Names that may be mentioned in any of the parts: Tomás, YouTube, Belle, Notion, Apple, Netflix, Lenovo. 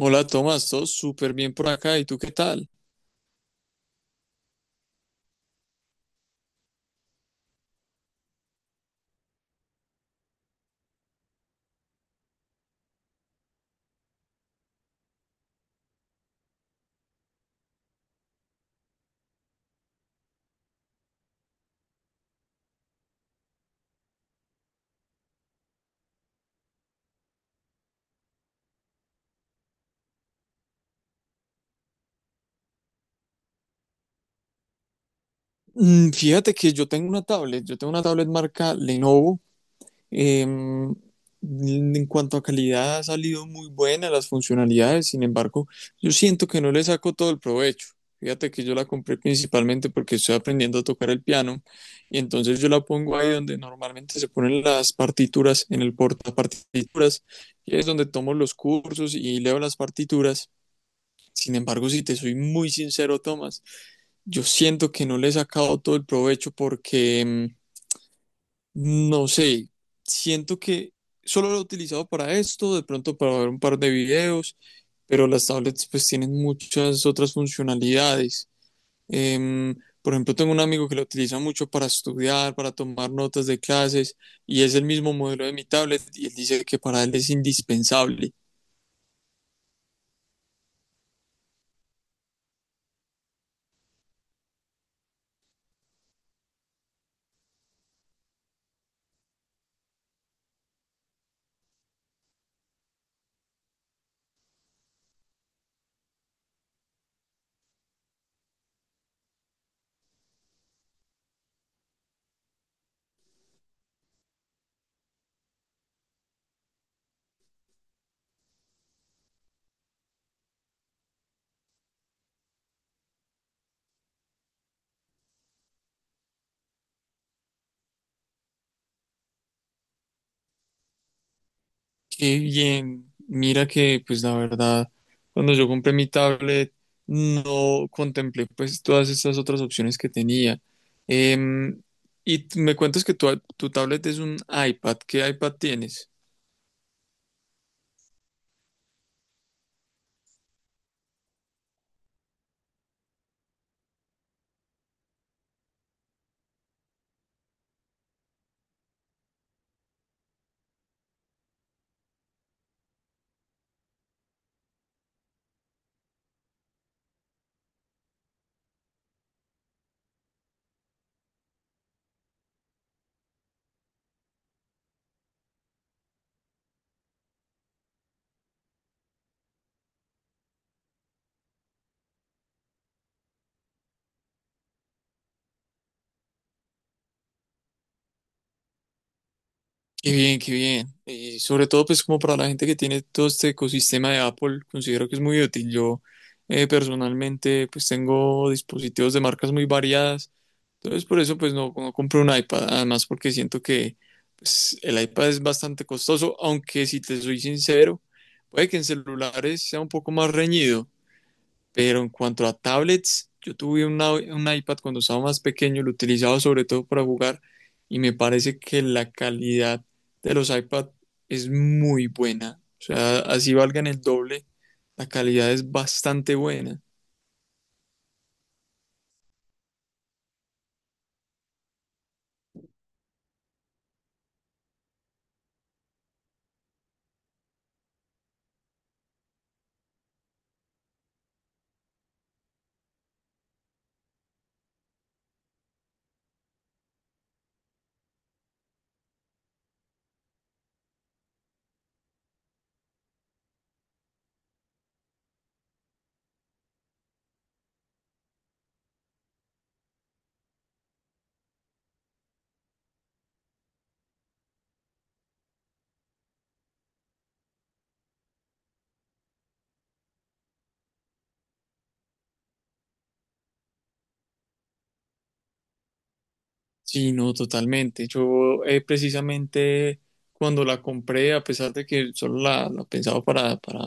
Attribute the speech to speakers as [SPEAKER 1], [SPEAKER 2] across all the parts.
[SPEAKER 1] Hola Tomás, todo súper bien por acá. ¿Y tú qué tal? Fíjate que yo tengo una tablet, marca Lenovo. Em, en cuanto a calidad ha salido muy buena las funcionalidades, sin embargo, yo siento que no le saco todo el provecho. Fíjate que yo la compré principalmente porque estoy aprendiendo a tocar el piano y entonces yo la pongo ahí donde normalmente se ponen las partituras, en el portapartituras, y es donde tomo los cursos y leo las partituras. Sin embargo, si te soy muy sincero, Tomás, yo siento que no le he sacado todo el provecho porque, no sé, siento que solo lo he utilizado para esto, de pronto para ver un par de videos, pero las tablets pues tienen muchas otras funcionalidades. Em, por ejemplo, tengo un amigo que lo utiliza mucho para estudiar, para tomar notas de clases, y es el mismo modelo de mi tablet, y él dice que para él es indispensable. Qué bien. Mira que, pues la verdad, cuando yo compré mi tablet, no contemplé pues todas estas otras opciones que tenía. Em, y me cuentas que tu tablet es un iPad. ¿Qué iPad tienes? Qué bien, qué bien. Y sobre todo, pues como para la gente que tiene todo este ecosistema de Apple, considero que es muy útil. Yo personalmente, pues tengo dispositivos de marcas muy variadas. Entonces, por eso, pues no, no compré un iPad. Además, porque siento que pues, el iPad es bastante costoso, aunque si te soy sincero, puede que en celulares sea un poco más reñido. Pero en cuanto a tablets, yo tuve un iPad cuando estaba más pequeño, lo utilizaba sobre todo para jugar y me parece que la calidad de los iPad es muy buena. O sea, así valgan el doble, la calidad es bastante buena. Sí, no, totalmente. Yo precisamente cuando la compré, a pesar de que solo la pensaba para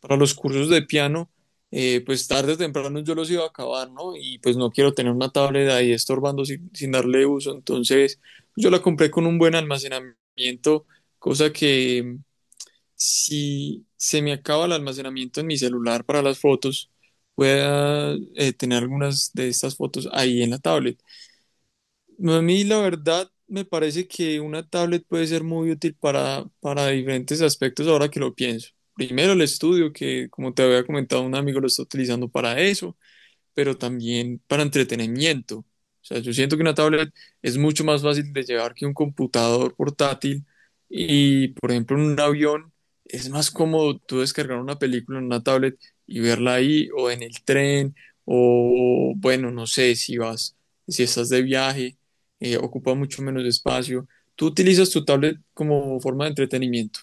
[SPEAKER 1] para los cursos de piano, pues tarde o temprano yo los iba a acabar, ¿no? Y pues no quiero tener una tablet ahí estorbando sin darle uso. Entonces yo la compré con un buen almacenamiento, cosa que, si se me acaba el almacenamiento en mi celular para las fotos, pueda tener algunas de estas fotos ahí en la tablet. No, a mí la verdad me parece que una tablet puede ser muy útil para diferentes aspectos ahora que lo pienso. Primero el estudio, que como te había comentado un amigo lo está utilizando para eso, pero también para entretenimiento. O sea, yo siento que una tablet es mucho más fácil de llevar que un computador portátil y, por ejemplo, en un avión es más cómodo tú descargar una película en una tablet y verla ahí o en el tren o, bueno, no sé, si vas, si estás de viaje, ocupa mucho menos espacio. Tú utilizas tu tablet como forma de entretenimiento.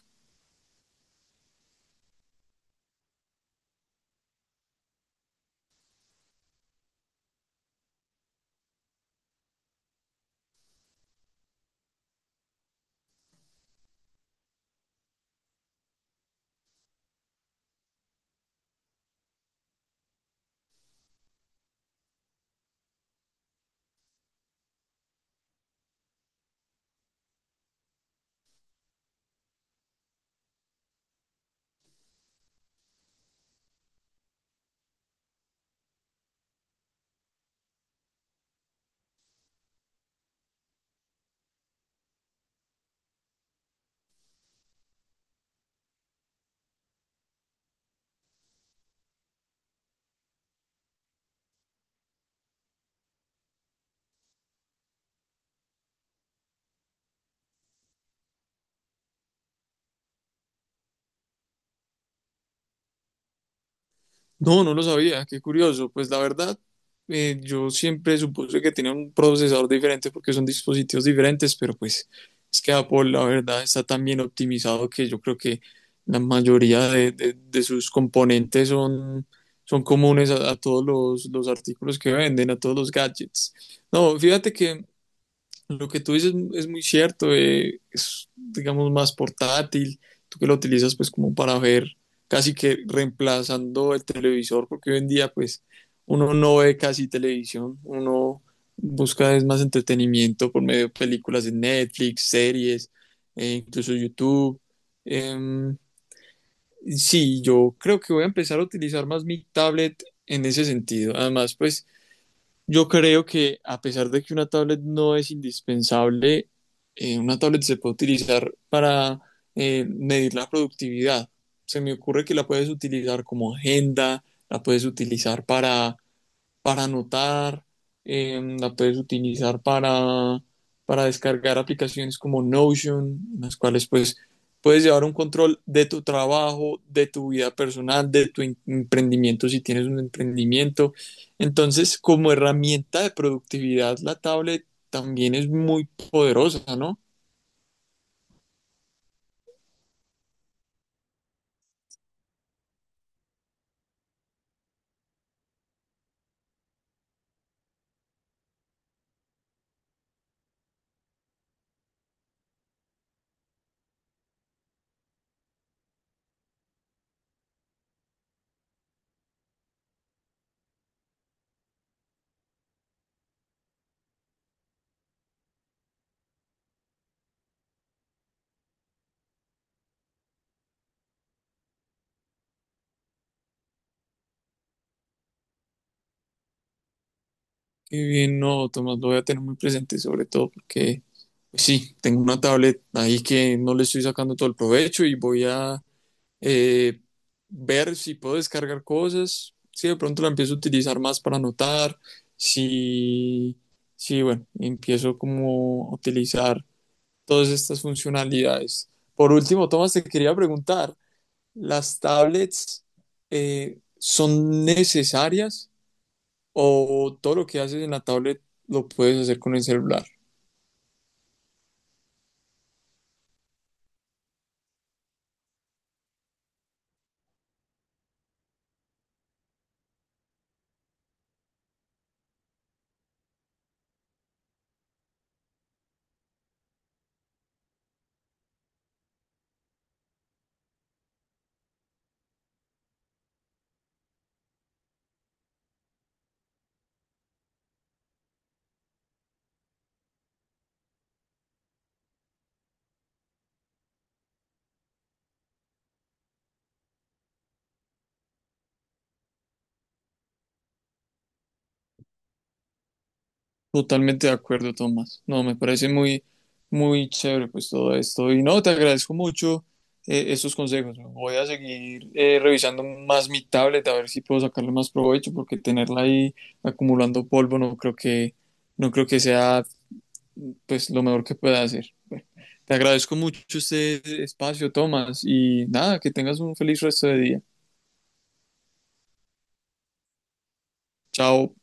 [SPEAKER 1] No, no lo sabía, qué curioso. Pues la verdad, yo siempre supuse que tenía un procesador diferente porque son dispositivos diferentes, pero pues es que Apple, la verdad, está tan bien optimizado que yo creo que la mayoría de sus componentes son comunes a todos los artículos que venden, a todos los gadgets. No, fíjate que lo que tú dices es muy cierto, es digamos más portátil, tú que lo utilizas pues como para ver casi que reemplazando el televisor, porque hoy en día pues uno no ve casi televisión, uno busca es más entretenimiento por medio de películas de Netflix, series, incluso YouTube. Em, sí, yo creo que voy a empezar a utilizar más mi tablet en ese sentido. Además, pues yo creo que a pesar de que una tablet no es indispensable, una tablet se puede utilizar para medir la productividad. Se me ocurre que la puedes utilizar como agenda, la puedes utilizar para anotar, la puedes utilizar para descargar aplicaciones como Notion, en las cuales pues puedes llevar un control de tu trabajo, de tu vida personal, de tu emprendimiento si tienes un emprendimiento. Entonces, como herramienta de productividad, la tablet también es muy poderosa, ¿no? Qué bien, no, Tomás, lo voy a tener muy presente, sobre todo porque pues sí, tengo una tablet ahí que no le estoy sacando todo el provecho y voy a eh, ver si puedo descargar cosas, si de pronto la empiezo a utilizar más para anotar, si, si bueno, empiezo como a utilizar todas estas funcionalidades. Por último, Tomás, te quería preguntar, las tablets son necesarias o todo lo que haces en la tablet lo puedes hacer con el celular. Totalmente de acuerdo, Tomás. No, me parece muy, muy chévere pues todo esto. Y no, te agradezco mucho estos consejos. Voy a seguir revisando más mi tablet a ver si puedo sacarle más provecho porque tenerla ahí acumulando polvo no creo no creo que sea pues lo mejor que pueda hacer. Te agradezco mucho este espacio, Tomás, y nada, que tengas un feliz resto de día. Chao.